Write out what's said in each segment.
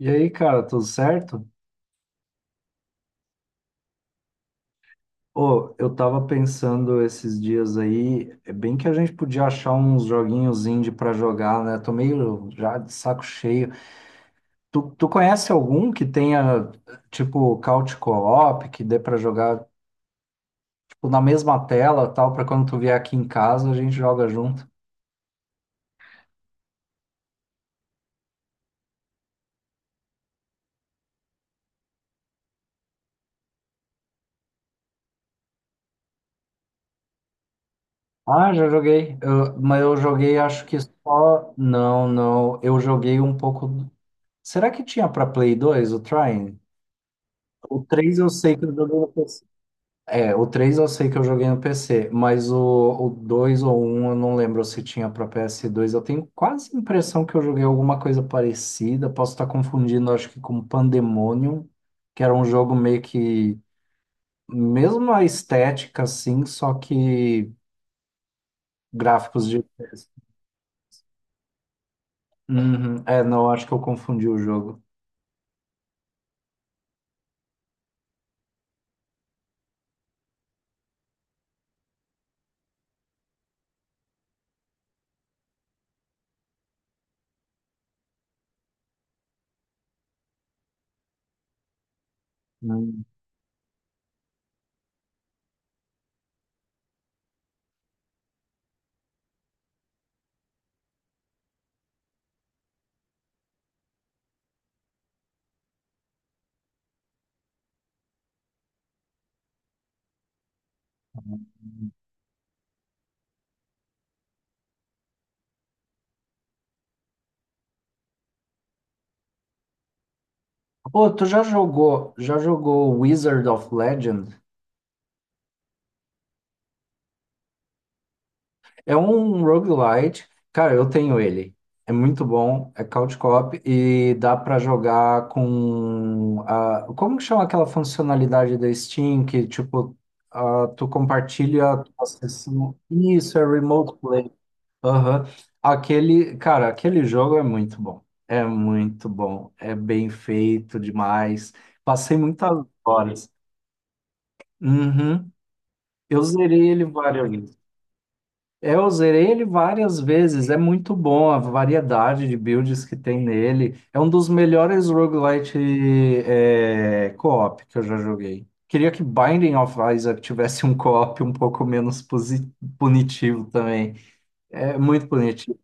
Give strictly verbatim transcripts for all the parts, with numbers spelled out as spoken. E aí, cara, tudo certo? Ô, eu tava pensando esses dias aí, é bem que a gente podia achar uns joguinhos indie pra jogar, né? Tô meio já de saco cheio. Tu, tu conhece algum que tenha, tipo, couch co-op, que dê pra jogar, tipo, na mesma tela, tal, pra quando tu vier aqui em casa, a gente joga junto? Ah, já joguei. Eu- mas eu joguei, acho que só... Não, não, eu joguei um pouco... Será que tinha pra Play dois, o Trine? O três eu sei que eu joguei no é, o três eu sei que eu joguei no P C, mas o, o dois ou um eu não lembro se tinha para P S dois. Eu tenho quase a impressão que eu joguei alguma coisa parecida. Posso estar confundindo, acho que com Pandemonium, que era um jogo meio que. Mesmo a estética, assim, só que gráficos de. Uhum. É, não, acho que eu confundi o jogo. Hum. Ô, tu já jogou, já jogou Wizard of Legend? É um roguelite. Cara, eu tenho ele. É muito bom, é couch co-op e dá pra jogar com a... Como que chama aquela funcionalidade da Steam que, tipo, ah, tu compartilha a tua sessão. Isso, é remote play. Aham. Aquele, cara, aquele jogo é muito bom. É muito bom. É bem feito demais. Passei muitas horas. Uhum. Eu zerei ele várias é, eu zerei ele várias vezes, é muito bom a variedade de builds que tem nele. É um dos melhores roguelite é, co-op que eu já joguei. Queria que Binding of Isaac tivesse um co-op um pouco menos posi- punitivo também. É muito bonito.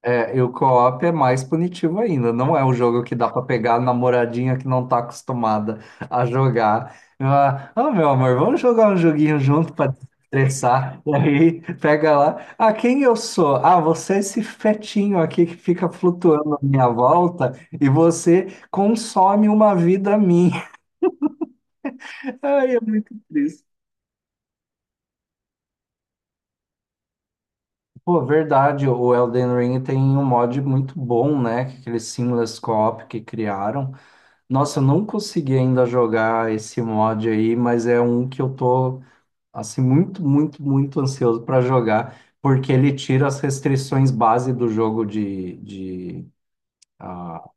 É, e o co-op é mais punitivo ainda. Não é um jogo que dá pra pegar a namoradinha que não tá acostumada a jogar. Ah, "Ah, meu amor, vamos jogar um joguinho junto pra desestressar. E aí pega lá. Ah, quem eu sou? Ah, você é esse fetinho aqui que fica flutuando à minha volta e você consome uma vida minha." Ai, é muito triste. Pô, verdade, o Elden Ring tem um mod muito bom, né? que Aquele seamless co-op que criaram. Nossa, eu não consegui ainda jogar esse mod aí, mas é um que eu tô assim muito, muito, muito ansioso para jogar, porque ele tira as restrições base do jogo de, de ah,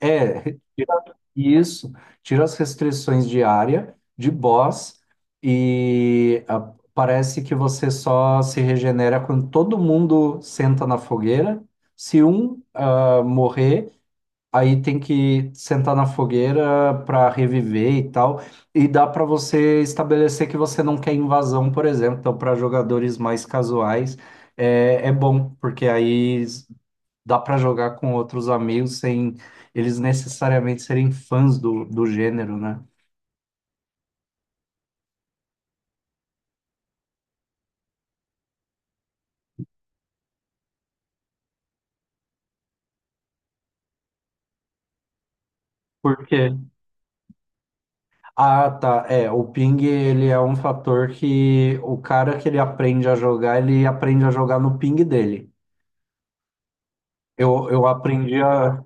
é, tira isso, tira as restrições de área, de boss e ah, parece que você só se regenera quando todo mundo senta na fogueira. Se um ah, morrer, aí tem que sentar na fogueira para reviver e tal. E dá para você estabelecer que você não quer invasão, por exemplo. Então, para jogadores mais casuais, é, é bom, porque aí s- dá para jogar com outros amigos sem eles necessariamente serem fãs do, do gênero, né? Por quê? Ah, tá. É, o ping, ele é um fator que o cara que ele aprende a jogar, ele aprende a jogar no ping dele. Eu, eu aprendi a.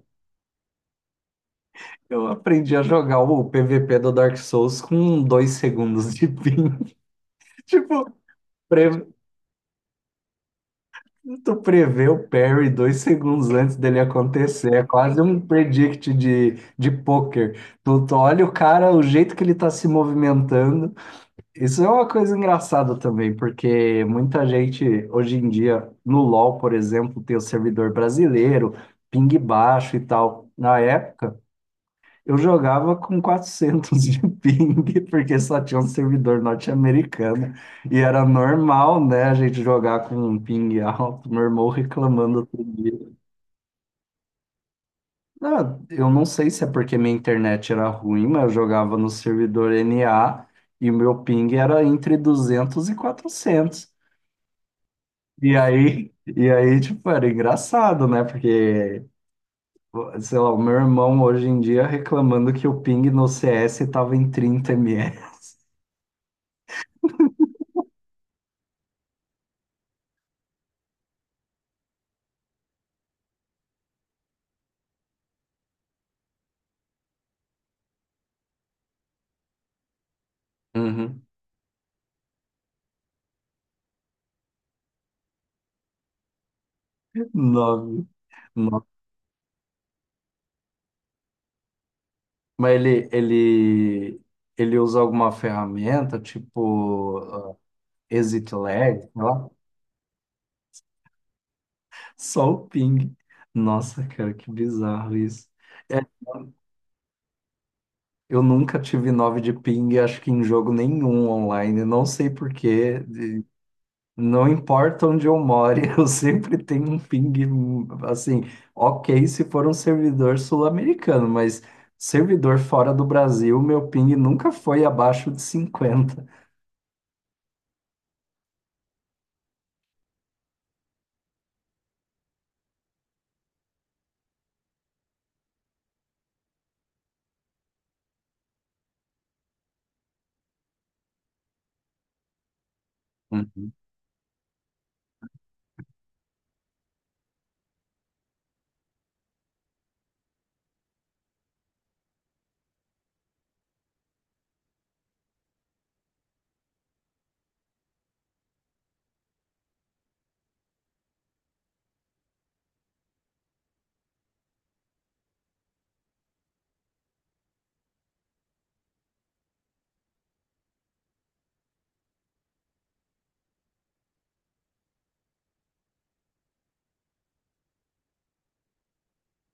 Eu aprendi a jogar o P V P do Dark Souls com dois segundos de ping. Tipo, pre- tu prevê o parry dois segundos antes dele acontecer. É quase um predict de, de poker. Tu, tu olha o cara, o jeito que ele tá se movimentando. Isso é uma coisa engraçada também, porque muita gente hoje em dia, no LoL, por exemplo, tem o servidor brasileiro, ping baixo e tal. Na época, eu jogava com quatrocentos de ping, porque só tinha um servidor norte-americano. E era normal, né, a gente jogar com um ping alto. Meu irmão reclamando outro dia. Ah, eu não sei se é porque minha internet era ruim, mas eu jogava no servidor N A e o meu ping era entre duzentos e quatrocentos. E aí, e aí, tipo, era engraçado, né? Porque, sei lá, o meu irmão hoje em dia reclamando que o ping no C S estava em trinta ms. Nove. Nove. Mas ele, ele, ele usa alguma ferramenta, tipo ah, exit lag, sei lá. Só o ping. Nossa, cara, que bizarro isso. É, eu nunca tive nove de ping, acho que em jogo nenhum online. Não sei por quê. de- Não importa onde eu more, eu sempre tenho um ping, assim, ok se for um servidor sul-americano, mas servidor fora do Brasil, meu ping nunca foi abaixo de cinquenta. Uhum.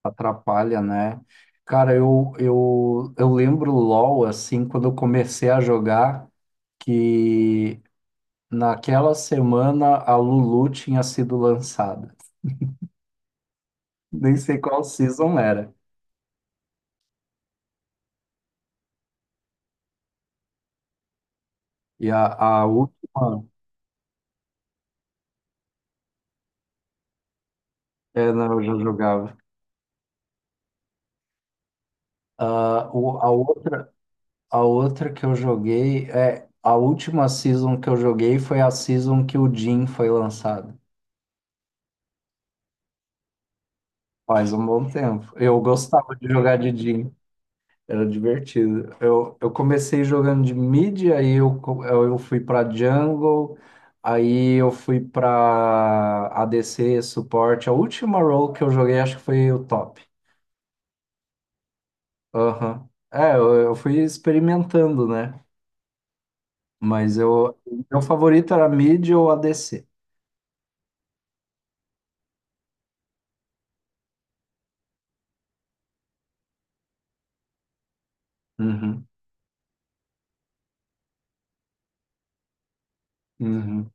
Atrapalha, né? Cara, eu, eu, eu lembro LOL, assim, quando eu comecei a jogar, que naquela semana a Lulu tinha sido lançada. Nem sei qual season era. E a, a última, é, não, eu já jogava. Ah, o, a outra, a outra que eu joguei, é, a última season que eu joguei foi a season que o Jhin foi lançado. Faz um bom tempo. Eu gostava de jogar de Jhin. Era divertido. Eu, eu comecei jogando de mid, aí eu, co- eu fui pra jungle, aí eu fui pra A D C, suporte. A última role que eu joguei acho que foi o top. Aham. É, eu, eu fui experimentando, né? Mas eu, o meu favorito era mid ou A D C. Uhum. Uhum.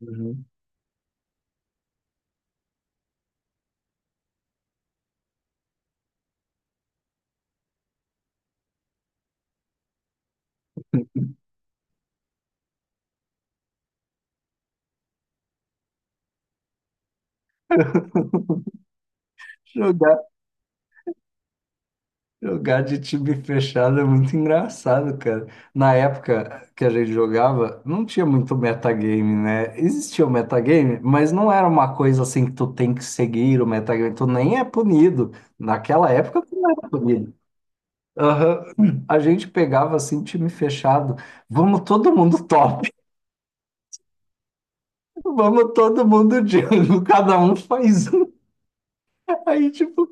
Uhum. Jogar de time fechado é muito engraçado, cara. Na época que a gente jogava, não tinha muito metagame, né? Existia o metagame, mas não era uma coisa assim que tu tem que seguir o metagame, tu nem é punido. Naquela época, tu não era punido. Aham. A gente pegava assim, time fechado. Vamos todo mundo top, vamos todo mundo jungle, cada um faz um. Aí, tipo,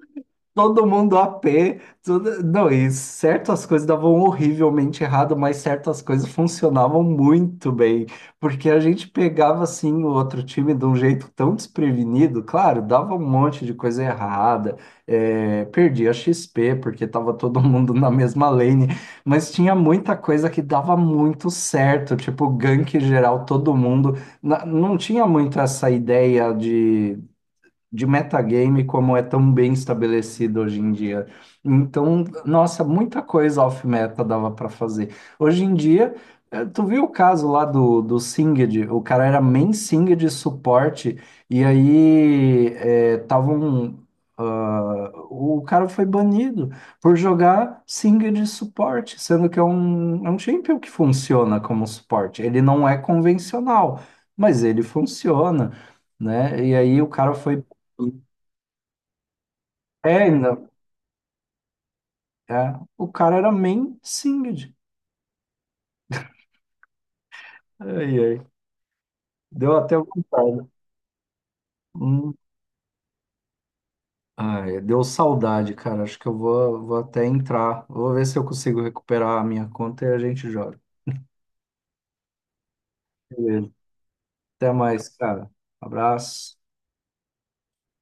todo mundo a pé, tudo... Não, e certas coisas davam horrivelmente errado, mas certas coisas funcionavam muito bem, porque a gente pegava assim o outro time de um jeito tão desprevenido, claro, dava um monte de coisa errada, é, perdia X P porque tava todo mundo na mesma lane, mas tinha muita coisa que dava muito certo, tipo gank geral, todo mundo. Na- Não tinha muito essa ideia de metagame como é tão bem estabelecido hoje em dia. Então, nossa, muita coisa off-meta dava para fazer. Hoje em dia, eh, tu viu o caso lá do, do Singed, o cara era main Singed suporte, e aí é, tava um, ah, o cara foi banido por jogar Singed suporte, sendo que é um, é um champion que funciona como suporte. Ele não é convencional, mas ele funciona, né? E aí o cara foi é, ainda. É. O cara era main singed. Ai, ai. Deu até vontade. Hum. Ai, deu saudade, cara. Acho que eu vou, vou até entrar. Vou ver se eu consigo recuperar a minha conta e a gente joga. Beleza. Até mais, cara. Abraço.